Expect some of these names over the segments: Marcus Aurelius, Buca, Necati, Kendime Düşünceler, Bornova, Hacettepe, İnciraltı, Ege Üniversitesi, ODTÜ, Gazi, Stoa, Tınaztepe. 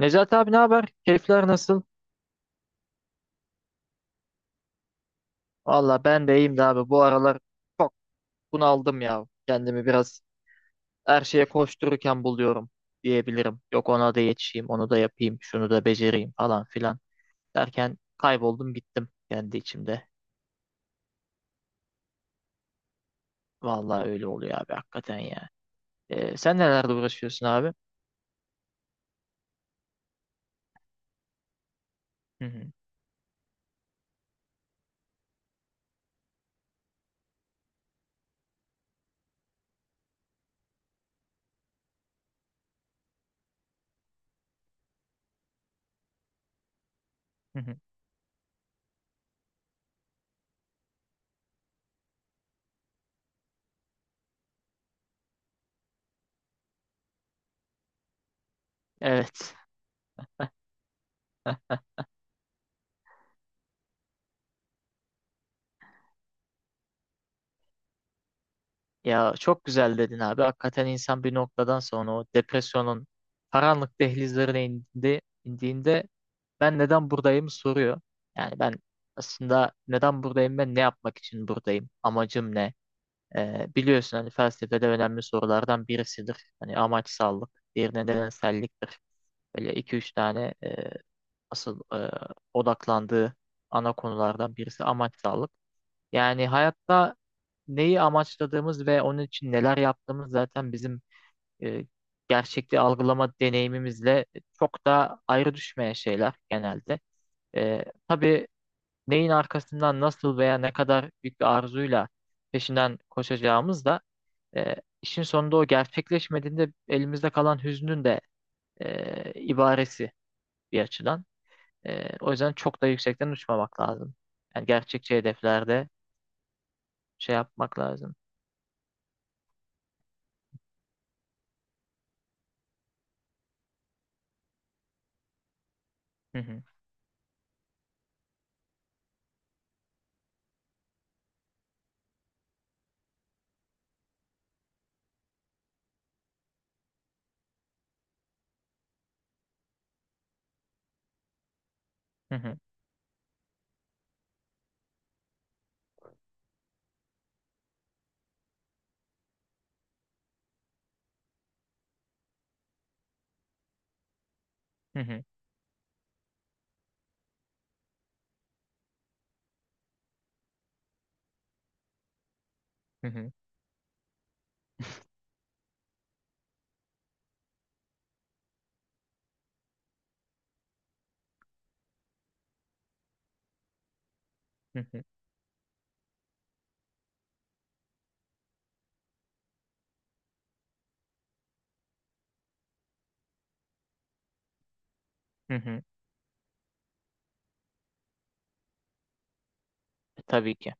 Necati abi, ne haber? Keyifler nasıl? Valla ben de iyiyim de abi. Bu aralar çok bunaldım ya. Kendimi biraz her şeye koştururken buluyorum diyebilirim. Yok ona da yetişeyim, onu da yapayım, şunu da becereyim falan filan derken kayboldum gittim kendi içimde. Valla öyle oluyor abi, hakikaten ya. Sen nelerle uğraşıyorsun abi? Hı hı, hı hı. Evet. Ya çok güzel dedin abi. Hakikaten insan bir noktadan sonra o depresyonun karanlık dehlizlerine indi, indiğinde ben neden buradayım soruyor. Yani ben aslında neden buradayım, ben ne yapmak için buradayım? Amacım ne? Biliyorsun hani felsefede önemli sorulardan birisidir. Hani amaçsallık bir nedenselliktir. Böyle iki üç tane asıl odaklandığı ana konulardan birisi amaçsallık. Yani hayatta neyi amaçladığımız ve onun için neler yaptığımız zaten bizim e, gerçekliği algılama deneyimimizle çok da ayrı düşmeyen şeyler genelde. Tabii neyin arkasından nasıl veya ne kadar büyük bir arzuyla peşinden koşacağımız da e, işin sonunda o gerçekleşmediğinde elimizde kalan hüznün de ibaresi bir açıdan. O yüzden çok da yüksekten uçmamak lazım. Yani gerçekçi hedeflerde şey yapmak lazım. Hı hı, hı hı, hı hı, hı hı, hı hı, hı hı. Tabii ki.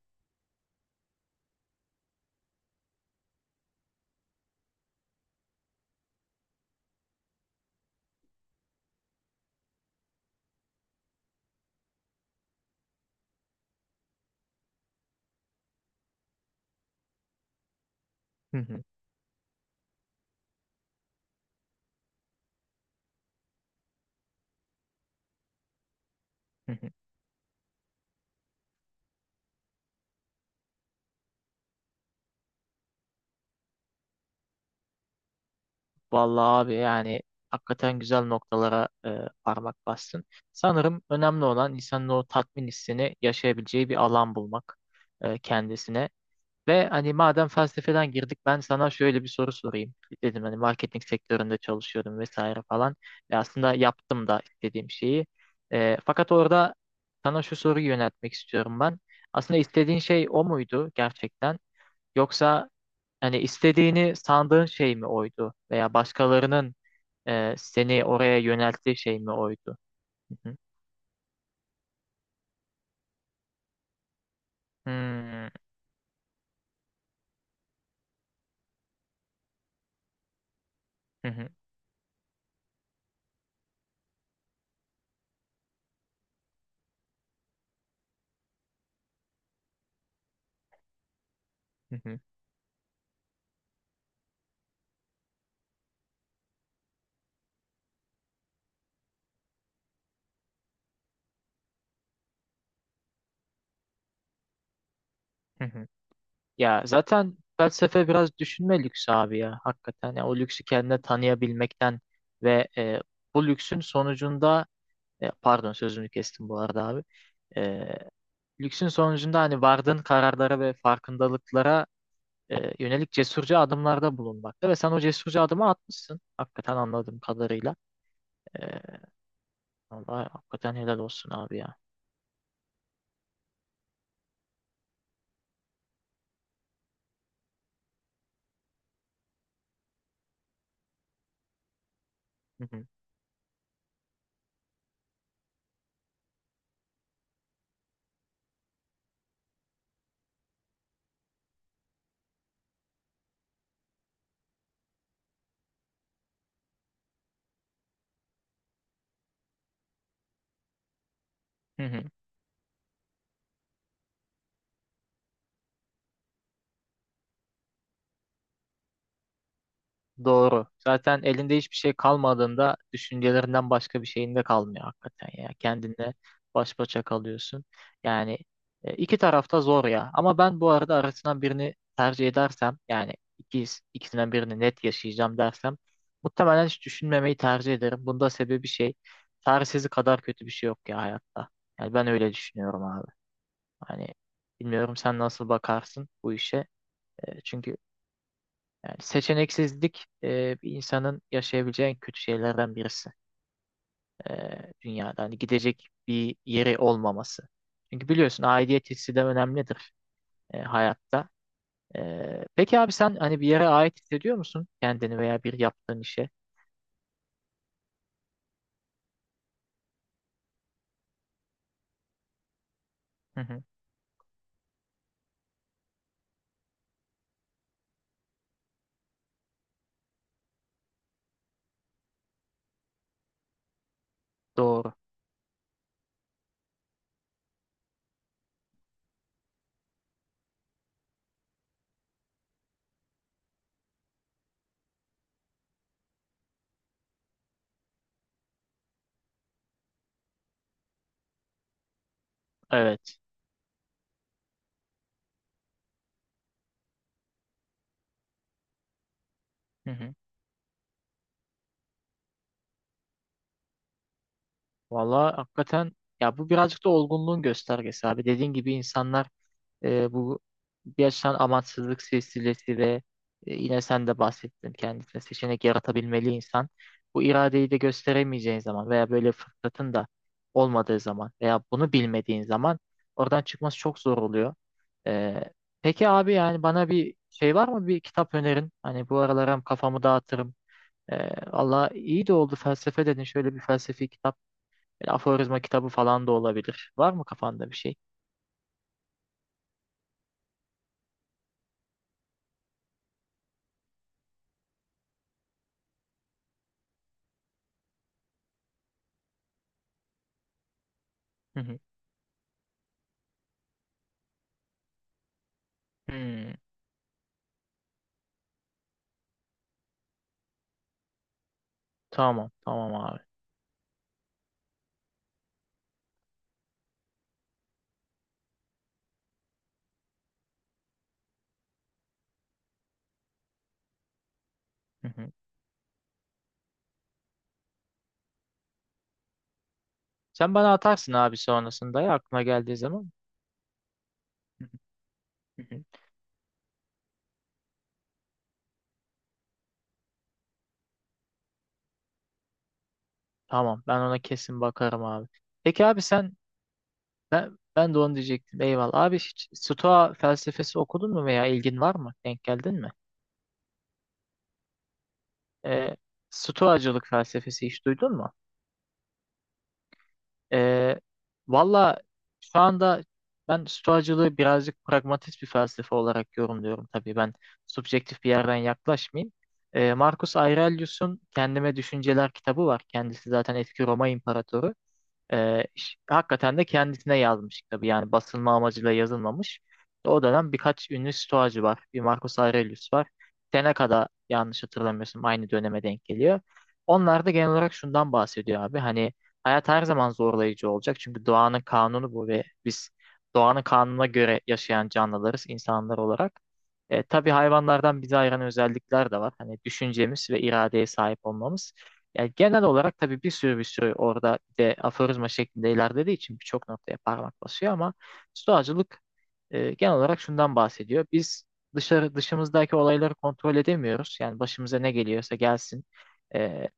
Hı hı, hı hı. Vallahi abi, yani hakikaten güzel noktalara parmak bastın. Sanırım önemli olan insanın o tatmin hissini yaşayabileceği bir alan bulmak kendisine. Ve hani madem felsefeden girdik, ben sana şöyle bir soru sorayım. Dedim hani marketing sektöründe çalışıyordum vesaire falan. Ve aslında yaptım da istediğim şeyi. Fakat orada sana şu soruyu yöneltmek istiyorum ben. Aslında istediğin şey o muydu gerçekten? Yoksa hani istediğini sandığın şey mi oydu? Veya başkalarının seni oraya yönelttiği şey mi oydu? Hı hı. Hmm, hı hı, hı hı, hı hı. Ya zaten felsefe biraz düşünme lüksü abi ya. Hakikaten ya o lüksü kendine tanıyabilmekten ve bu lüksün sonucunda pardon, sözünü kestim bu arada abi. E, Lüksün sonucunda hani vardığın kararlara ve farkındalıklara yönelik cesurca adımlarda bulunmakta, ve sen o cesurca adımı atmışsın. Hakikaten anladığım kadarıyla. E, Vallahi hakikaten helal olsun abi ya. Hı hı. Doğru. Zaten elinde hiçbir şey kalmadığında düşüncelerinden başka bir şeyin de kalmıyor hakikaten ya. Kendinle baş başa kalıyorsun. Yani iki tarafta zor ya. Ama ben bu arada arasından birini tercih edersem, yani ikisinden birini net yaşayacağım dersem muhtemelen hiç düşünmemeyi tercih ederim. Bunda sebebi şey, çaresizlik kadar kötü bir şey yok ya hayatta. Yani ben öyle düşünüyorum abi. Hani bilmiyorum sen nasıl bakarsın bu işe. Çünkü yani seçeneksizlik bir insanın yaşayabileceği en kötü şeylerden birisi dünyada. Hani gidecek bir yeri olmaması. Çünkü biliyorsun aidiyet hissi de önemlidir hayatta. Peki abi, sen hani bir yere ait hissediyor musun kendini veya bir yaptığın işe? Hı hı, doğru. Evet. Hı hı. Valla hakikaten ya, bu birazcık da olgunluğun göstergesi abi. Dediğin gibi insanlar bu yaşanan amansızlık silsilesi ve yine sen de bahsettin, kendisine seçenek yaratabilmeli insan. Bu iradeyi de gösteremeyeceğin zaman veya böyle fırsatın da olmadığı zaman veya bunu bilmediğin zaman oradan çıkması çok zor oluyor. E, peki abi, yani bana bir şey var mı, bir kitap önerin? Hani bu aralar hem kafamı dağıtırım. E, Valla iyi de oldu, felsefe dedin, şöyle bir felsefi kitap. Böyle aforizma kitabı falan da olabilir. Var mı kafanda bir şey? Hı hı. Hmm, tamam tamam abi. Hı hı. Sen bana atarsın abi sonrasında ya, aklına geldiği zaman. Hı hı, hı hı. Tamam, ben ona kesin bakarım abi. Peki abi sen, ben de onu diyecektim. Eyvallah. Abi, hiç Stoa felsefesi okudun mu veya ilgin var mı? Denk geldin mi? Ee, Stoacılık felsefesi hiç duydun mu? Ee, Valla şu anda ben Stoacılığı birazcık pragmatist bir felsefe olarak yorumluyorum. Tabii ben subjektif bir yerden yaklaşmayayım. Marcus Aurelius'un Kendime Düşünceler kitabı var. Kendisi zaten eski Roma imparatoru. Hakikaten de kendisine yazmış, tabii yani basılma amacıyla yazılmamış. O dönem birkaç ünlü stoacı var. Bir Marcus Aurelius var. Seneca'da yanlış hatırlamıyorsun, aynı döneme denk geliyor. Onlar da genel olarak şundan bahsediyor abi. Hani hayat her zaman zorlayıcı olacak. Çünkü doğanın kanunu bu ve biz doğanın kanununa göre yaşayan canlılarız insanlar olarak. Tabii hayvanlardan bizi ayıran özellikler de var. Hani düşüncemiz ve iradeye sahip olmamız. Yani genel olarak tabii bir sürü orada, bir de aforizma şeklinde ilerlediği için birçok noktaya parmak basıyor, ama stoacılık genel olarak şundan bahsediyor. Biz dışımızdaki olayları kontrol edemiyoruz. Yani başımıza ne geliyorsa gelsin. E,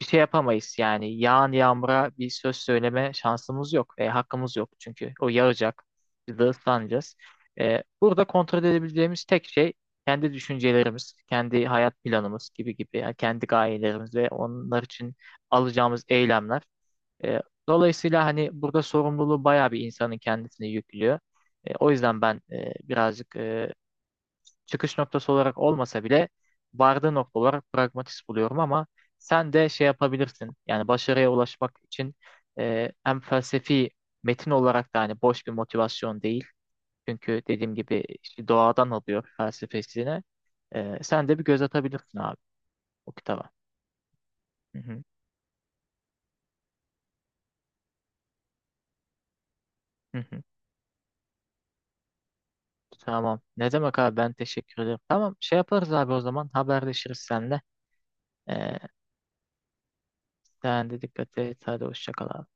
Bir şey yapamayız. Yani yağan yağmura bir söz söyleme şansımız yok ve hakkımız yok. Çünkü o yağacak. Biz de ıslanacağız. Burada kontrol edebileceğimiz tek şey kendi düşüncelerimiz, kendi hayat planımız, gibi gibi. Yani kendi gayelerimiz ve onlar için alacağımız eylemler. E, Dolayısıyla hani burada sorumluluğu bayağı bir insanın kendisine yüklüyor. O yüzden ben birazcık çıkış noktası olarak olmasa bile vardığı nokta olarak pragmatist buluyorum, ama sen de şey yapabilirsin. Yani başarıya ulaşmak için hem felsefi metin olarak da hani boş bir motivasyon değil. Çünkü dediğim gibi işte doğadan alıyor felsefesini. Sen de bir göz atabilirsin abi, o kitaba. Hı hı, hı hı. Tamam. Ne demek abi, ben teşekkür ederim. Tamam, şey yaparız abi o zaman, haberleşiriz seninle. E, Sen de dikkat et. Hadi hoşça kal abi.